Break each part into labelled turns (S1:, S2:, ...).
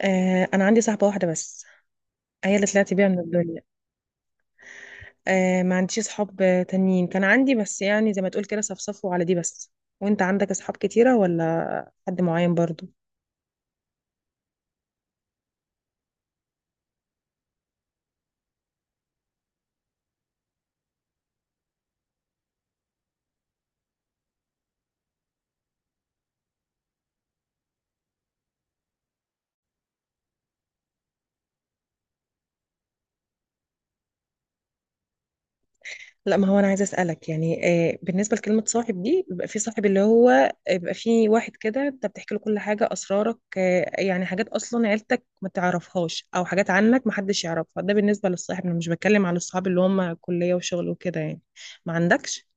S1: آه انا عندي صاحبه واحده بس، هي اللي طلعت بيها من الدنيا. آه ما عنديش صحاب تانيين، كان عندي بس يعني زي ما تقول كده صفصفوا على دي بس. وانت عندك اصحاب كتيره ولا حد معين برضو؟ لا ما هو انا عايزه اسالك يعني بالنسبه لكلمه صاحب دي، بيبقى في صاحب اللي هو بيبقى في واحد كده انت بتحكي له كل حاجه، اسرارك، آه يعني حاجات اصلا عيلتك ما تعرفهاش او حاجات عنك ما حدش يعرفها. ده بالنسبه للصاحب، انا مش بتكلم على الصحاب اللي هم كليه وشغل وكده يعني. ما عندكش؟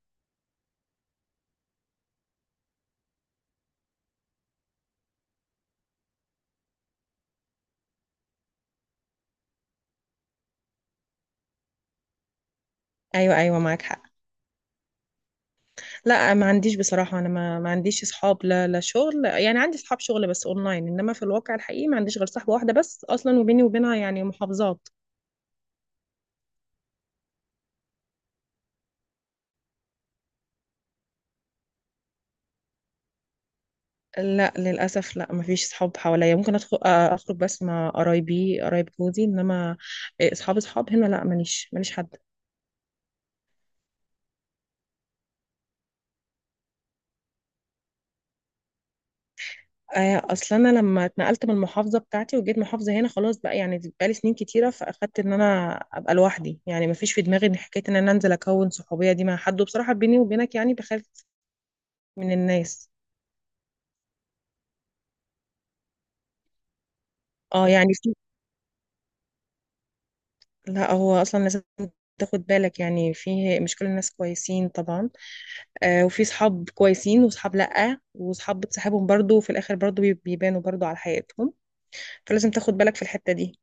S1: ايوه ايوه معاك حق. لا ما عنديش بصراحة، أنا ما عنديش أصحاب، لا لا شغل، يعني عندي أصحاب شغل بس أونلاين، إنما في الواقع الحقيقي ما عنديش غير صاحبة واحدة بس أصلا، وبيني وبينها يعني محافظات. لا للأسف، لا ما فيش صحاب حواليا، ممكن أدخل آه، أخرج بس مع قرايبي، قرايب جوزي، إنما آه، أصحاب أصحاب هنا لا، ماليش ماليش حد. آه، أصلا أنا لما اتنقلت من المحافظة بتاعتي وجيت محافظة هنا خلاص بقى، يعني بقالي سنين كتيرة، فأخدت إن أنا أبقى لوحدي، يعني ما فيش في دماغي إن حكاية إن أنا أنزل أكون صحوبية دي مع حد، وبصراحة بيني وبينك يعني بخاف من الناس. اه يعني في، لا هو اصلا لازم تاخد بالك، يعني في مش كل الناس كويسين طبعا، آه وفي صحاب كويسين وصحاب لا، وصحاب بتصاحبهم برضو وفي الاخر برضو بيبانوا برضو على حياتهم، فلازم تاخد بالك في الحتة دي.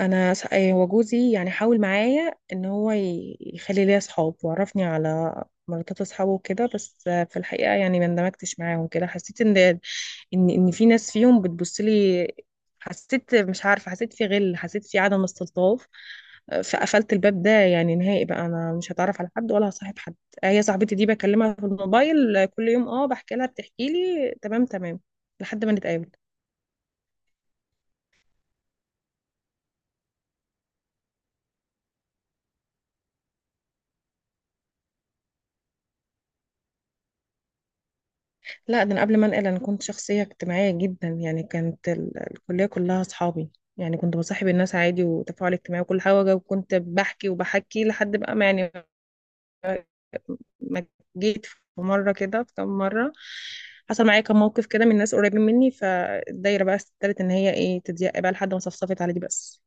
S1: انا إيه، هو جوزي يعني حاول معايا ان هو يخلي ليا اصحاب، وعرفني على مراتات اصحابه وكده، بس آه، في الحقيقه يعني ما اندمجتش معاهم كده، حسيت ان ان في ناس فيهم بتبص لي، حسيت مش عارفه، حسيت في غل، حسيت في عدم استلطاف، آه، فقفلت الباب ده يعني نهائي بقى، انا مش هتعرف على حد ولا هصاحب حد. آه، هي صاحبتي دي بكلمها في الموبايل آه، كل يوم، اه بحكي لها بتحكي لي، تمام تمام لحد ما نتقابل. لا ده انا قبل ما انقل انا كنت شخصيه اجتماعيه جدا، يعني كانت الكليه كلها اصحابي، يعني كنت بصاحب الناس عادي، وتفاعل اجتماعي وكل حاجه، وكنت بحكي وبحكي لحد بقى ما يعني ما جيت في مره كده، في كام مره حصل معايا كام موقف كده من ناس قريبين مني، فالدايره بقى استدارت ان هي ايه تضيق بقى لحد ما صفصفت على دي بس.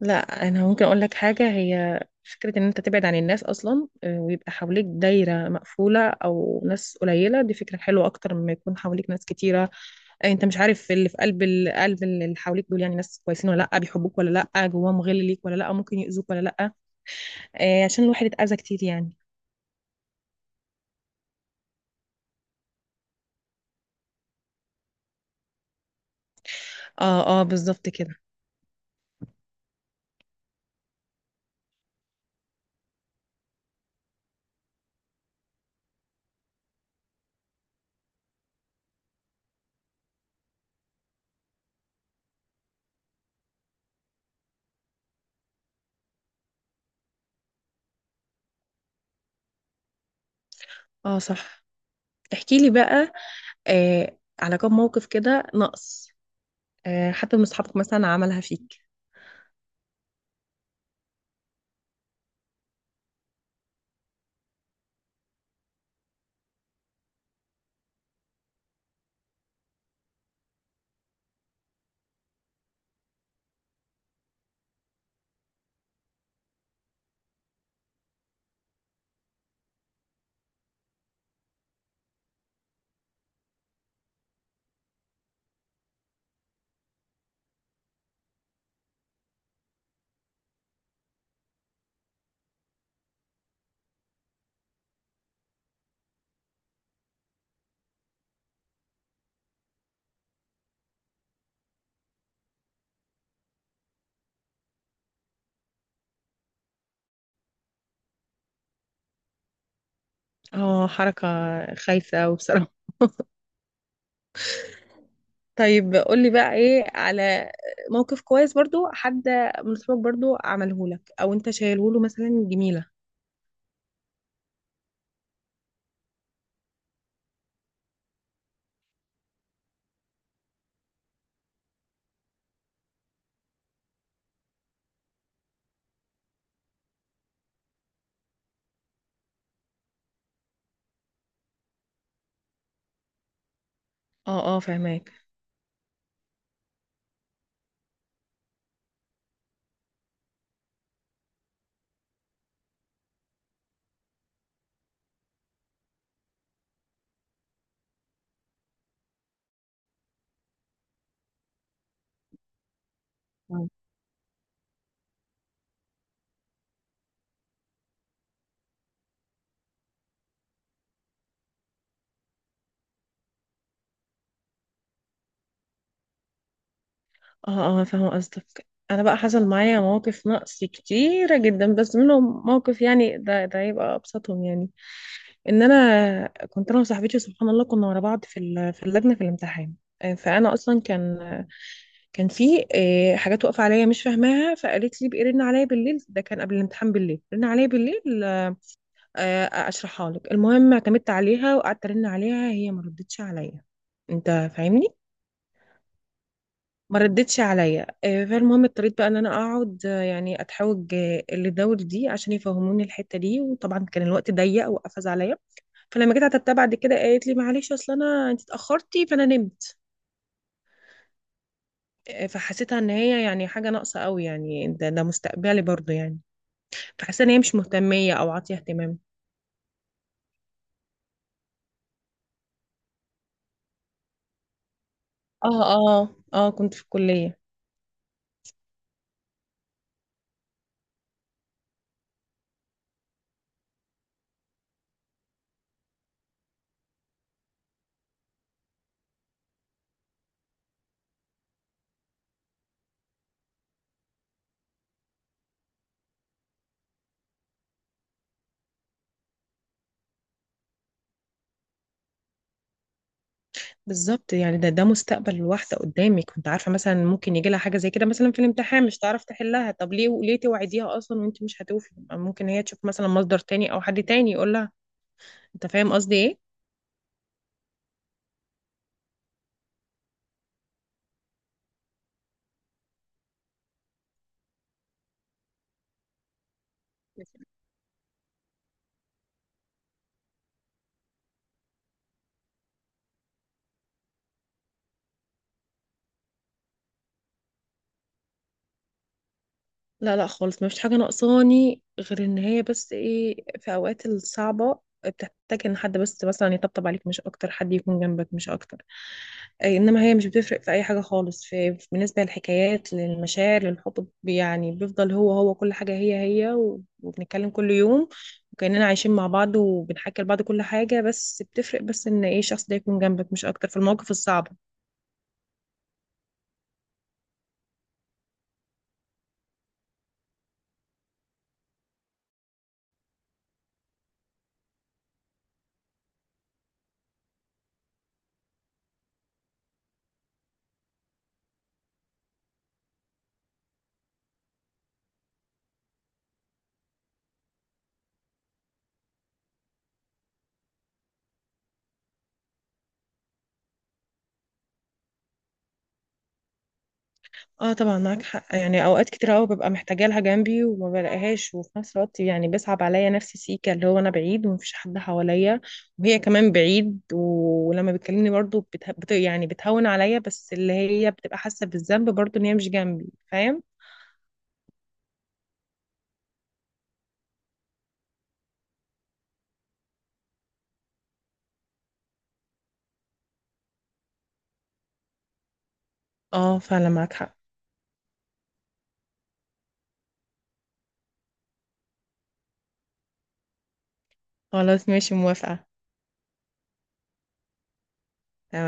S1: لا انا ممكن اقول لك حاجه، هي فكره ان انت تبعد عن الناس اصلا آه، ويبقى حواليك دايره مقفوله او ناس قليله، دي فكره حلوه اكتر مما يكون حواليك ناس كتيره. انت مش عارف اللي في قلب قلب اللي حواليك دول، يعني ناس كويسين ولا لا، بيحبوك ولا لا، جواهم غل ليك ولا لا، ممكن يؤذوك ولا لا. آه عشان الواحد اتأذى كتير يعني. اه اه بالظبط كده. اه صح، احكي لي بقى آه على كم موقف كده نقص آه حتى من اصحابك مثلا عملها فيك. اه حركة خايفة وبصراحة. طيب قول لي بقى ايه على موقف كويس برضو حد من اصحابك برضو عمله لك او انت شايله له مثلا جميلة. اه اه فهماك. اه اه فاهمة قصدك. انا بقى حصل معايا مواقف نقص كتيرة جدا، بس منهم موقف يعني ده ده يبقى ابسطهم يعني، ان انا كنت انا وصاحبتي سبحان الله كنا ورا بعض في في اللجنة في الامتحان، آه، فانا اصلا كان كان في آه، حاجات واقفه عليا مش فاهماها، فقالت لي بقى رن عليا بالليل، ده كان قبل الامتحان بالليل، رن عليا بالليل آه، اشرحها لك. المهم اعتمدت عليها وقعدت ارن عليها، هي ما ردتش عليا، انت فاهمني؟ ما ردتش عليا آه، فالمهم اضطريت بقى ان انا اقعد آه، يعني اتحوج آه، للدول دي عشان يفهموني الحته دي، وطبعا كان الوقت ضيق وقفز عليا. فلما جيت عتبتها بعد كده قالت لي معلش اصل انا انت اتاخرتي فانا نمت، آه، فحسيتها ان هي يعني حاجه ناقصه قوي، يعني ده ده مستقبلي برضو يعني، فحسيت ان هي مش مهتميه او عاطيه اهتمام. اه اه اه كنت في الكليه. بالظبط، يعني ده ده مستقبل الواحدة قدامك، كنت عارفة مثلا ممكن يجي لها حاجة زي كده مثلا في الامتحان مش تعرف تحلها، طب ليه ليه توعديها أصلا وأنت مش هتوفي؟ ممكن هي تشوف مثلا مصدر تاني أو حد تاني يقول لها، أنت فاهم قصدي؟ إيه؟ لا لا خالص، ما فيش حاجة ناقصاني غير ان هي بس ايه، في اوقات الصعبة بتحتاج ان حد بس مثلا يطبطب عليك مش اكتر، حد يكون جنبك مش اكتر، أي انما هي مش بتفرق في اي حاجة خالص، بالنسبة للحكايات للمشاعر للحب يعني بيفضل هو هو كل حاجة هي هي، وبنتكلم كل يوم وكأننا عايشين مع بعض، وبنحكي لبعض كل حاجة، بس بتفرق بس ان ايه، الشخص ده يكون جنبك مش اكتر في المواقف الصعبة. اه طبعا معاك حق، يعني اوقات كتير قوي ببقى محتاجه لها جنبي وما بلاقيهاش، وفي نفس الوقت يعني بيصعب عليا نفسي سيكا، اللي هو انا بعيد ومفيش حد حواليا، وهي كمان بعيد ولما بتكلمني برضو يعني بتهون عليا، بس اللي هي بتبقى حاسه بالذنب برضو ان هي مش جنبي، فاهم؟ اه فعلا معاك حق. خلاص ماشي موافقه.